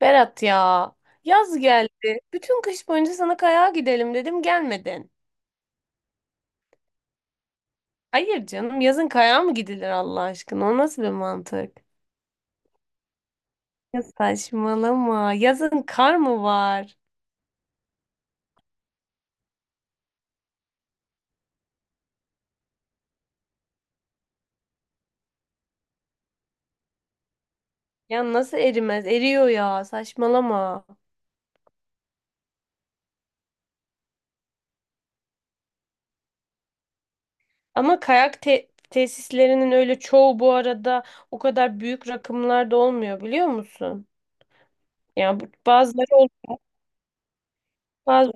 Berat ya, yaz geldi. Bütün kış boyunca sana kayağa gidelim dedim, gelmedin. Hayır canım, yazın kayağa mı gidilir Allah aşkına? O nasıl bir mantık? Ya saçmalama. Yazın kar mı var? Ya nasıl erimez? Eriyor ya, saçmalama. Ama tesislerinin öyle çoğu bu arada o kadar büyük rakımlarda olmuyor biliyor musun? Ya bu- bazıları ol- bazı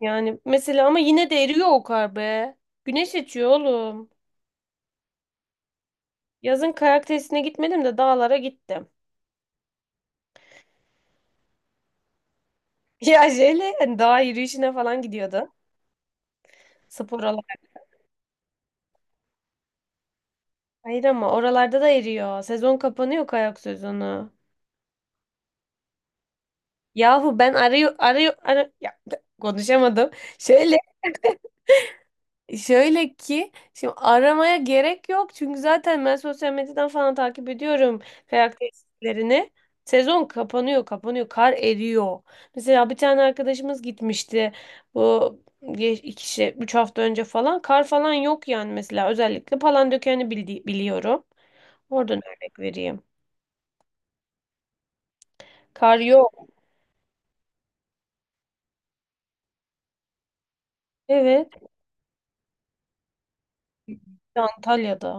yani mesela ama yine de eriyor o kar be. Güneş açıyor oğlum. Yazın kayak tesisine gitmedim de dağlara gittim. Ya şeyle hani dağ yürüyüşüne falan gidiyordu. Spor olarak. Hayır ama oralarda da eriyor. Sezon kapanıyor, kayak sezonu. Yahu ben arıyor ya, konuşamadım. Şöyle şöyle ki, şimdi aramaya gerek yok çünkü zaten ben sosyal medyadan falan takip ediyorum kayak tesislerini. Sezon kapanıyor, kapanıyor, kar eriyor. Mesela bir tane arkadaşımız gitmişti bu geç- iki işte 3 hafta önce falan, kar falan yok yani. Mesela özellikle Palandöken'i biliyorum. Oradan örnek vereyim. Kar yok. Evet, Antalya'da.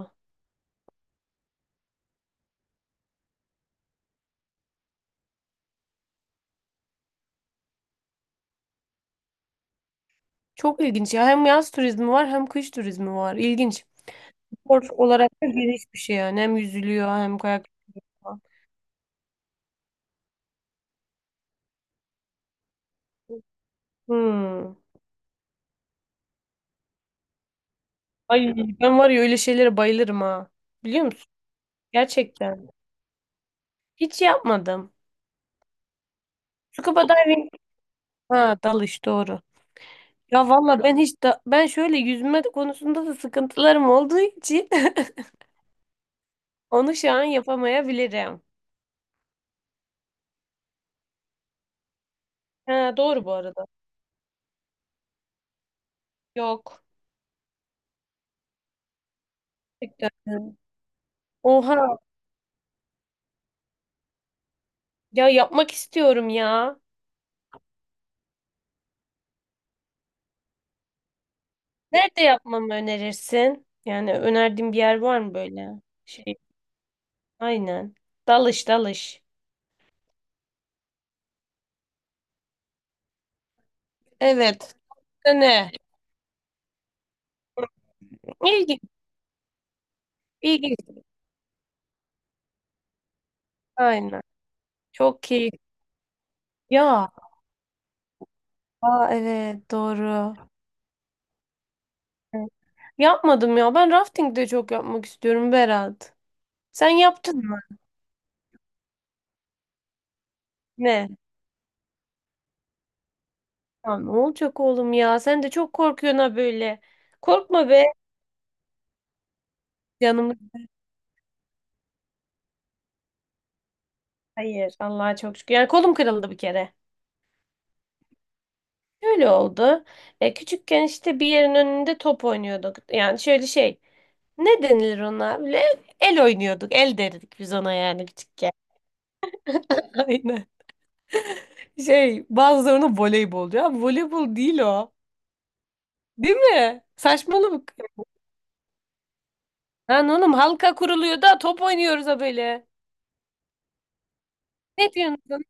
Çok ilginç ya, hem yaz turizmi var hem kış turizmi var. İlginç. Spor olarak da geniş bir şey yani. Hem yüzülüyor hem kayak. Falan. Hmm. Ay ben var ya, öyle şeylere bayılırım ha. Biliyor musun? Gerçekten. Hiç yapmadım. Scuba diving. Ha, dalış, doğru. Ya valla ben şöyle yüzme konusunda da sıkıntılarım olduğu için onu şu an yapamayabilirim. Ha doğru bu arada. Yok. Gerçekten. Oha ya, yapmak istiyorum ya. Nerede yapmamı önerirsin? Yani önerdiğin bir yer var mı böyle? Şey. Aynen. Dalış dalış. Evet. Ne? İlginç, ilginç. Aynen. Çok keyifli. Ya, aa, evet doğru. Evet. Yapmadım ya. Ben rafting de çok yapmak istiyorum Berat. Sen yaptın mı? Ne? Ya ne olacak oğlum ya? Sen de çok korkuyorsun ha böyle. Korkma be. Canımız. Hayır. Allah'a çok şükür. Yani kolum kırıldı bir kere. Öyle oldu. Küçükken işte bir yerin önünde top oynuyorduk. Yani şöyle şey. Ne denilir ona? Böyle el oynuyorduk. El derdik biz ona yani küçükken. Aynen. Şey, bazıları ona voleybol diyor. Abi voleybol değil o. Değil mi? Saçmalık. Lan oğlum, halka kuruluyor da top oynuyoruz ha böyle. Ne diyorsunuz ona?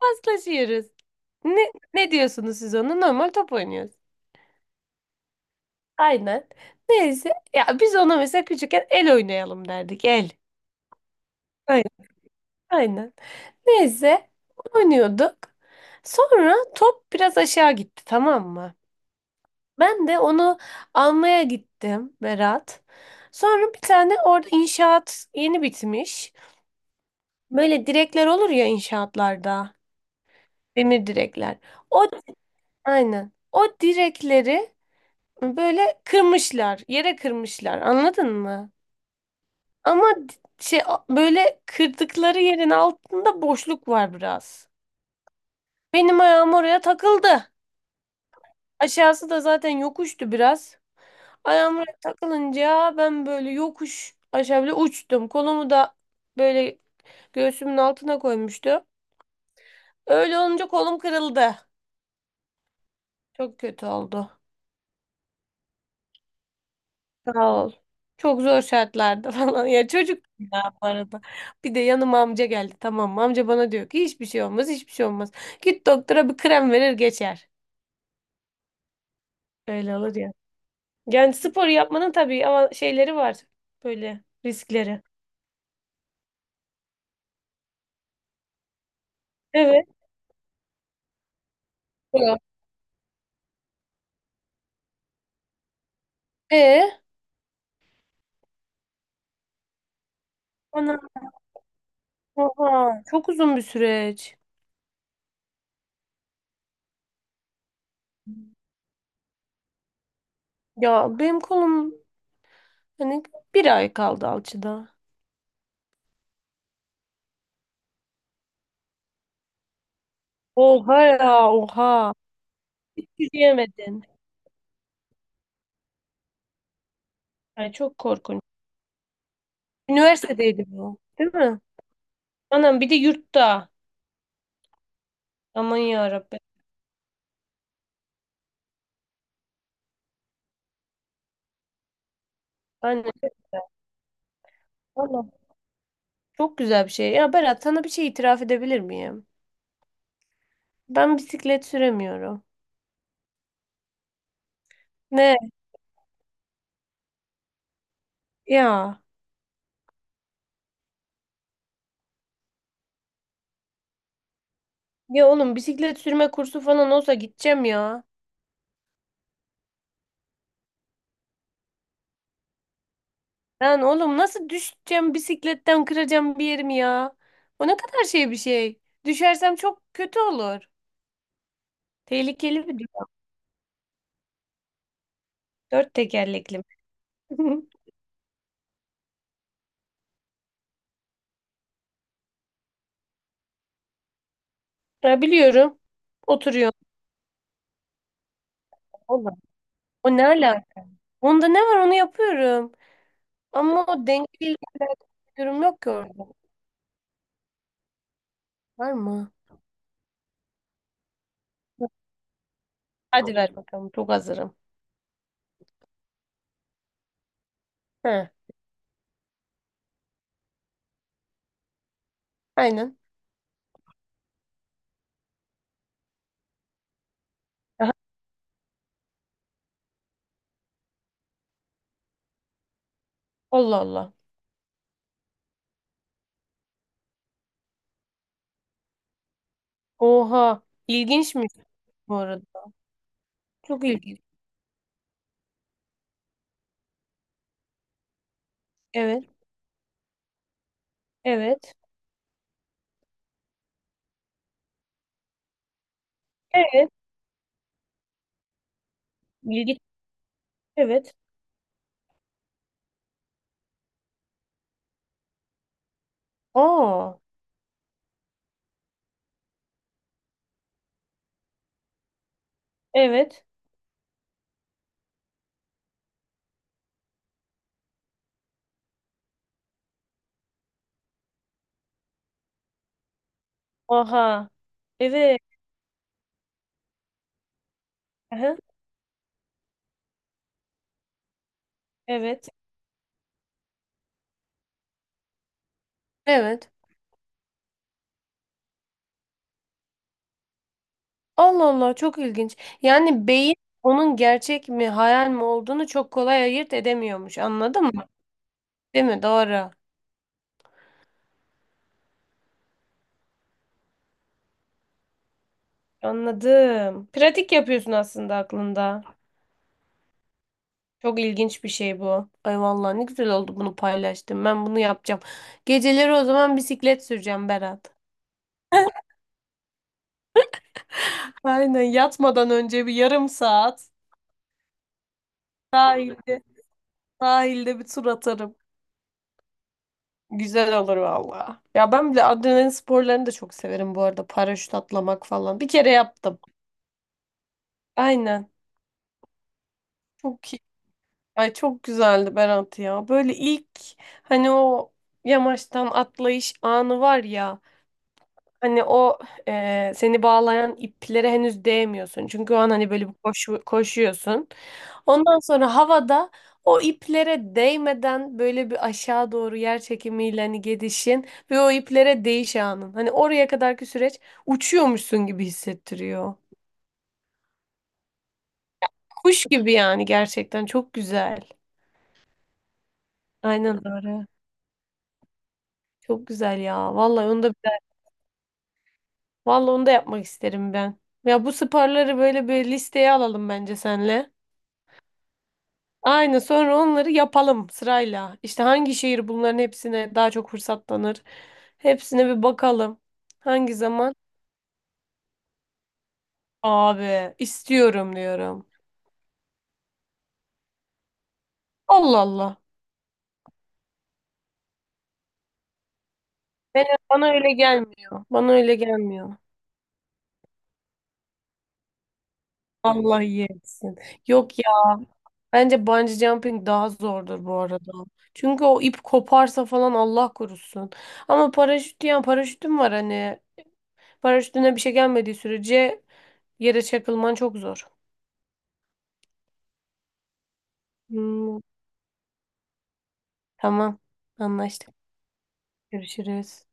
Paslaşıyoruz. Ne diyorsunuz siz ona? Normal top oynuyoruz. Aynen. Neyse. Ya biz ona mesela küçükken el oynayalım derdik. El. Aynen. Aynen. Neyse. Oynuyorduk. Sonra top biraz aşağı gitti, tamam mı? Ben de onu almaya gittim Berat. Sonra bir tane orada inşaat yeni bitmiş. Böyle direkler olur ya inşaatlarda. Demir direkler. O, aynen. O direkleri böyle kırmışlar. Yere kırmışlar. Anladın mı? Ama di- şey böyle kırdıkları yerin altında boşluk var biraz. Benim ayağım oraya takıldı. Aşağısı da zaten yokuştu biraz. Ayağım takılınca ben böyle yokuş aşağı bile uçtum. Kolumu da böyle göğsümün altına koymuştu. Öyle olunca kolum kırıldı. Çok kötü oldu. Sağ ol. Çok zor şartlarda falan. Ya çocuk ya bu arada. Bir de yanıma amca geldi. Tamam mı? Amca bana diyor ki hiçbir şey olmaz, hiçbir şey olmaz. Git doktora, bir krem verir geçer. Öyle olur ya. Yani spor yapmanın tabii ama şeyleri var. Böyle riskleri. Evet. Yok. E? Oha, çok uzun bir süreç. Ya benim kolum hani 1 ay kaldı alçıda. Oha ya, oha. Yürüyemedin. Ay çok korkunç. Üniversitedeydi bu. Değil mi? Anam bir de yurtta. Aman ya Rabbi. Anne, anam, çok güzel bir şey. Ya Berat, sana bir şey itiraf edebilir miyim? Ben bisiklet süremiyorum. Ne? Ya. Ya oğlum, bisiklet sürme kursu falan olsa gideceğim ya. Lan oğlum, nasıl düşeceğim bisikletten, kıracağım bir yerimi ya. O ne kadar şey bir şey. Düşersem çok kötü olur. Tehlikeli bir durum. Dört tekerlekli. Ya biliyorum. Oturuyor. Oğlum, o ne alaka? Onda ne var, onu yapıyorum. Ama o dengeli bir durum yok ki orada. Var mı? Hadi ver bakalım. Çok hazırım. He, aynen. Aha, Allah Allah. Oha. İlginçmiş bu arada. Çok ilginç. Evet. Evet. Evet. İlginç. Evet. Oo. Evet. Oha. Evet. Aha. Evet. Evet. Allah Allah, çok ilginç. Yani beyin onun gerçek mi hayal mi olduğunu çok kolay ayırt edemiyormuş. Anladın mı? Değil mi? Doğru. Anladım. Pratik yapıyorsun aslında aklında. Çok ilginç bir şey bu. Ay vallahi ne güzel oldu bunu paylaştım. Ben bunu yapacağım. Geceleri o zaman bisiklet süreceğim Berat. Aynen, yatmadan önce bir yarım saat sahilde sahilde bir tur atarım. Güzel olur valla. Ya ben bile adrenalin sporlarını da çok severim bu arada. Paraşüt atlamak falan. Bir kere yaptım. Aynen. Çok iyi. Ay çok güzeldi Berat ya. Böyle ilk, hani o yamaçtan atlayış anı var ya. Hani o, e, seni bağlayan iplere henüz değmiyorsun. Çünkü o an hani böyle bir koşuyorsun. Ondan sonra havada o iplere değmeden böyle bir aşağı doğru yer çekimiyle hani gidişin ve o iplere değiş anın. Hani oraya kadarki süreç uçuyormuşsun gibi hissettiriyor. Kuş gibi yani, gerçekten çok güzel. Aynen öyle. Çok güzel ya. Vallahi onu da yapmak isterim ben. Ya bu sporları böyle bir listeye alalım bence senle. Aynen, sonra onları yapalım sırayla. İşte hangi şehir bunların hepsine daha çok fırsatlanır. Hepsine bir bakalım. Hangi zaman? Abi istiyorum diyorum. Allah Allah. Bana öyle gelmiyor. Bana öyle gelmiyor. Allah yesin. Yok ya, bence bungee jumping daha zordur bu arada. Çünkü o ip koparsa falan, Allah korusun. Ama paraşüt, yani paraşütüm var hani. Paraşütüne bir şey gelmediği sürece yere çakılman çok zor. Hmm. Tamam. Anlaştık. Görüşürüz.